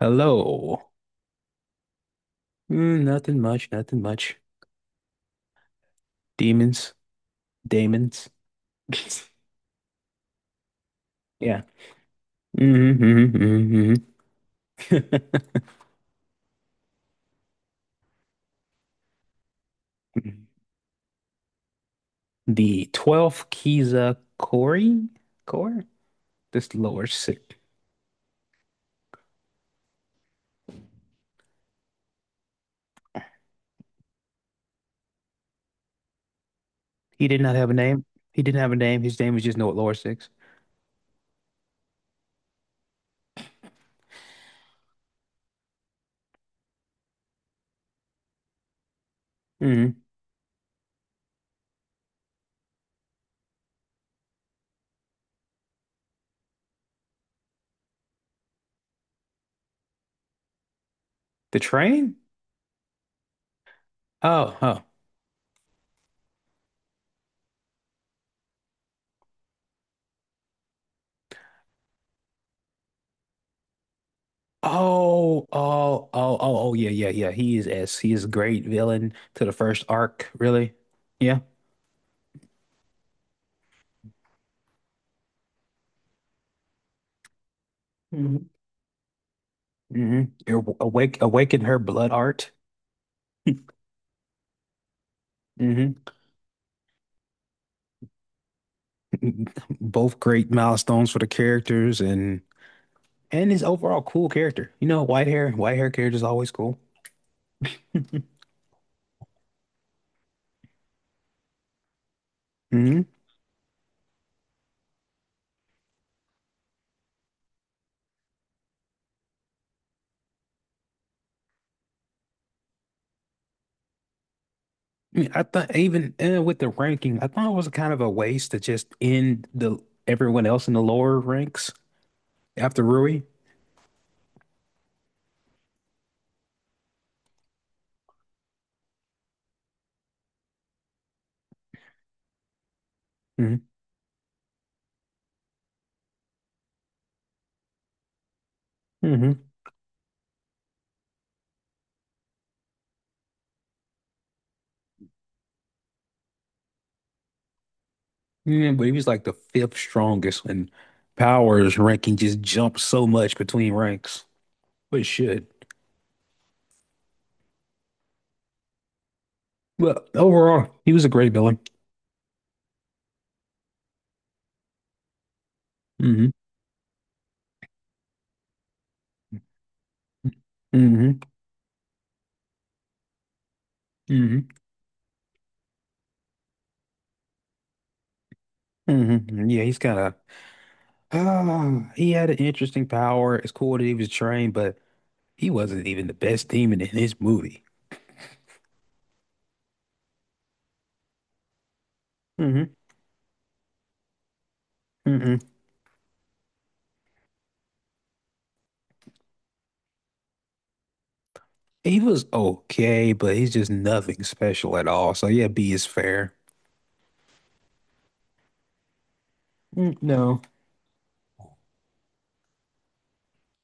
Hello. Nothing much, nothing much. Demons, Damons. Yeah. hmm hmm hmm The 12th Kiza Kori? Core. This Lower Six. He did not have a name. He didn't have a name. His name was just Note Lower six. hmm The train? Oh, huh. Oh, oh, oh, oh, oh, yeah, yeah, yeah. He is S. He is a great villain to the first arc, really. Yeah. Mm-hmm. hmm Awake, awaken her blood art. hmm Both great milestones for the characters and his overall cool character. You know, white hair character is always cool. hmm I mean, I thought even with the ranking, I thought it was kind of a waste to just end the everyone else in the lower ranks after Rui. hmm hmm Yeah, but he was like the fifth strongest and power's ranking just jumped so much between ranks, but it should. Well, overall, he was a great villain. Mhm. hmm hmm Yeah, he's kind of, he had an interesting power. It's cool that he was trained, but he wasn't even the best demon in his movie. hmm hmm He was okay, but he's just nothing special at all. So yeah, B is fair. Mm, no,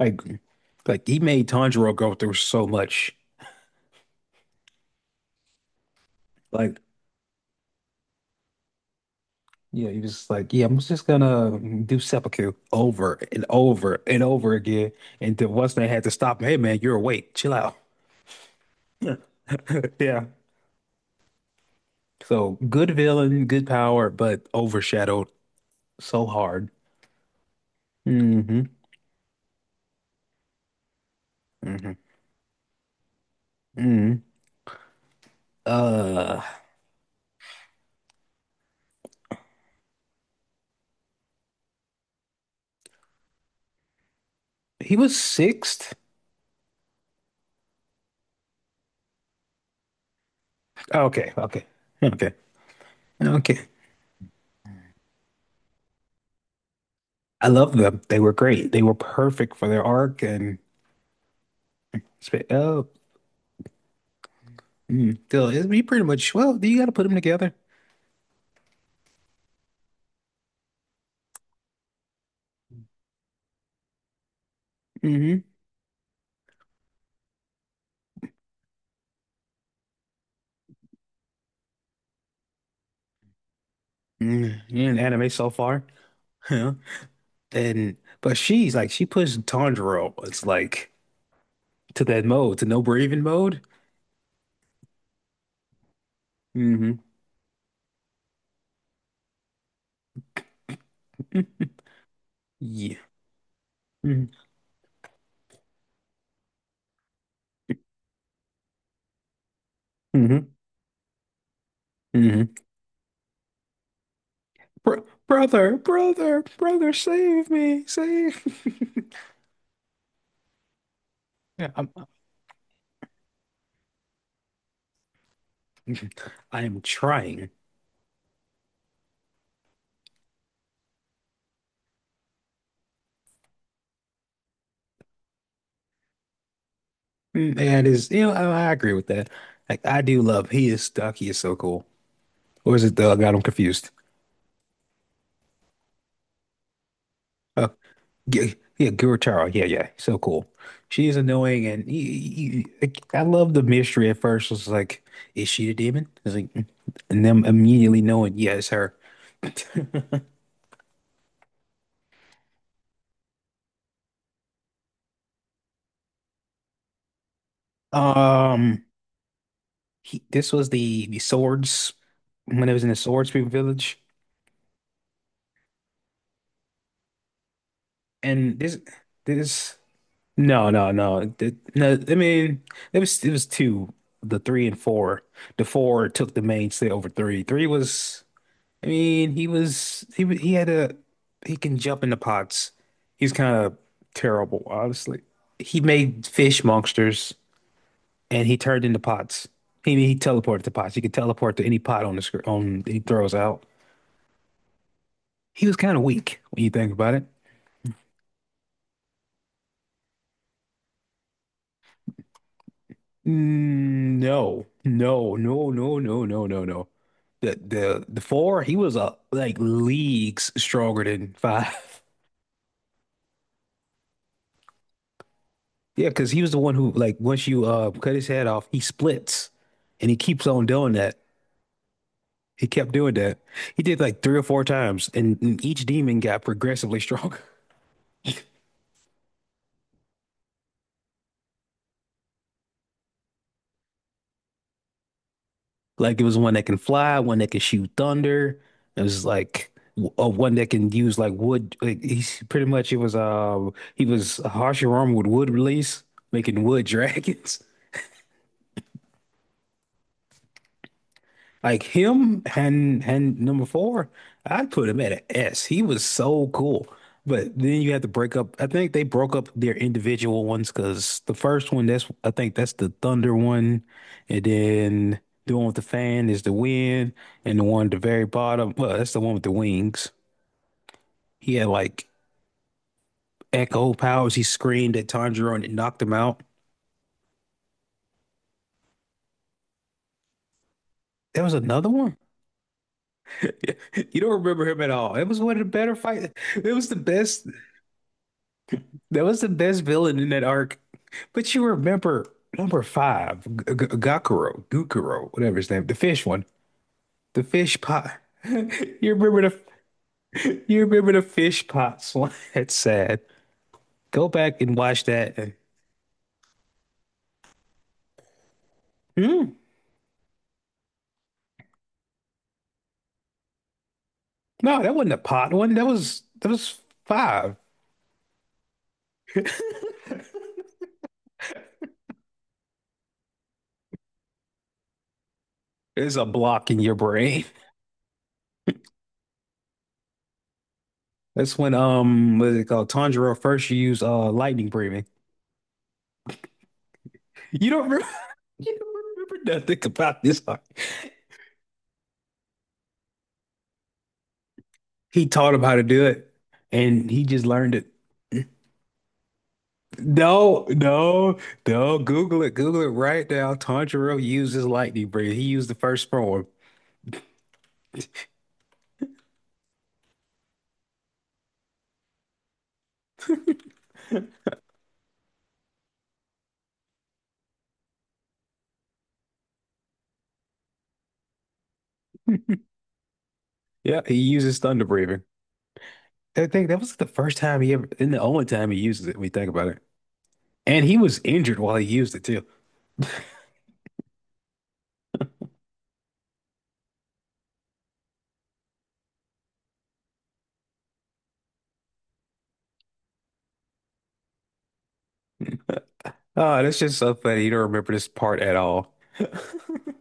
I agree. Like he made Tanjiro go through so much. Like yeah, he was like, yeah, I'm just gonna do seppuku over and over and over again. And then once they had to stop him, hey man, you're awake, chill out. Yeah. So good villain, good power, but overshadowed so hard. hmm hmm hmm Uh, he was sixth. Oh, okay, okay, okay, okay. I love them. They were great. They were perfect for their arc and sp- oh, still, he pretty much. Well, you got to put them together. Mm-hmm. Mm, you're in anime so far, yeah. And but she's like she pushed Tanjiro. It's like to that mode, to no breathing mode. hmm Yeah. Mm-hmm. hmm brother, brother, brother, save me, save. Yeah, I'm, I am trying. That is, you know, I agree with that. Like, I do love. He is stuck. He is so cool. Or is it the? I got him confused. Uh, yeah, yeah, Gurutara. Yeah, yeah, so cool. She is annoying, and I love the mystery at first. It's like, is she the demon? It's like, and them immediately knowing, yeah, it's her. Um. He this was the swords when it was in the Swords Village, and this no no no Th- no I mean it was two, the three and four. The four took the mainstay over three. Three was, I mean, he had a, he can jump into pots, he's kind of terrible honestly. He made fish monsters and he turned into pots. He teleported to pots. He could teleport to any pot on the screen on he throws out. He was kind of weak when you think about it. Mm, no, no, no, no, no, no, no, no. The four, he was like leagues stronger than five. Yeah, because he was the one who, like, once you cut his head off, he splits, and he keeps on doing that. He kept doing that. He did like three or four times, and each demon got progressively stronger. Like it was one that can fly, one that can shoot thunder. It was like one that can use like wood. Like he's pretty much it was he was harshing armor with wood release, making wood dragons. Like him and number four, I'd put him at an S. He was so cool. But then you had to break up. I think they broke up their individual ones because the first one, that's I think that's the thunder one, and then the one with the fan is the wind, and the one at the very bottom, well, that's the one with the wings. He had like echo powers. He screamed at Tanjiro and it knocked him out. There was another one. You don't remember him at all. It was one of the better fight. It was the best. That was the best villain in that arc. But you remember number five, Gakuro, Gukuro, whatever his name, the fish one, the fish pot. You remember the you remember the fish pot slime. It's sad. Go back and watch that. And- Hmm? No, that wasn't a pot one. That was five. There's a block in your brain. That's when what is it called? Tanjiro first used lightning breathing. You don't remember, you don't remember nothing about this arc. He taught him how to do it, and he just learned it. No, no, no. Google it. Google it right now. Tanjiro uses lightning breathing. He used the first form. Yeah, he uses thunder breathing. I think that was the first time he ever, and the only time he uses it when you think about it. And he was injured while he used it too. Oh, that's just so funny. You don't remember this part at all.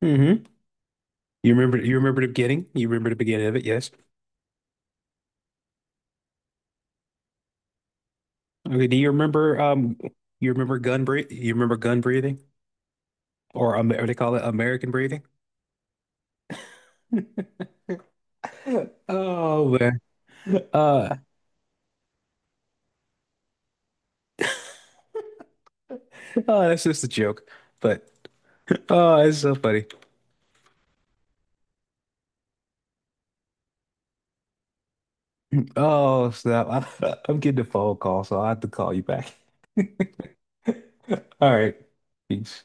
You you remember the beginning? You remember the beginning of it, yes. Okay, do you remember gun breath you remember gun breathing? Or what do they call it? American breathing? Oh. Uh, oh, that's just a joke, but oh, it's so funny. Oh, snap. I'm getting a phone call, so I have to call you back. All right. Peace.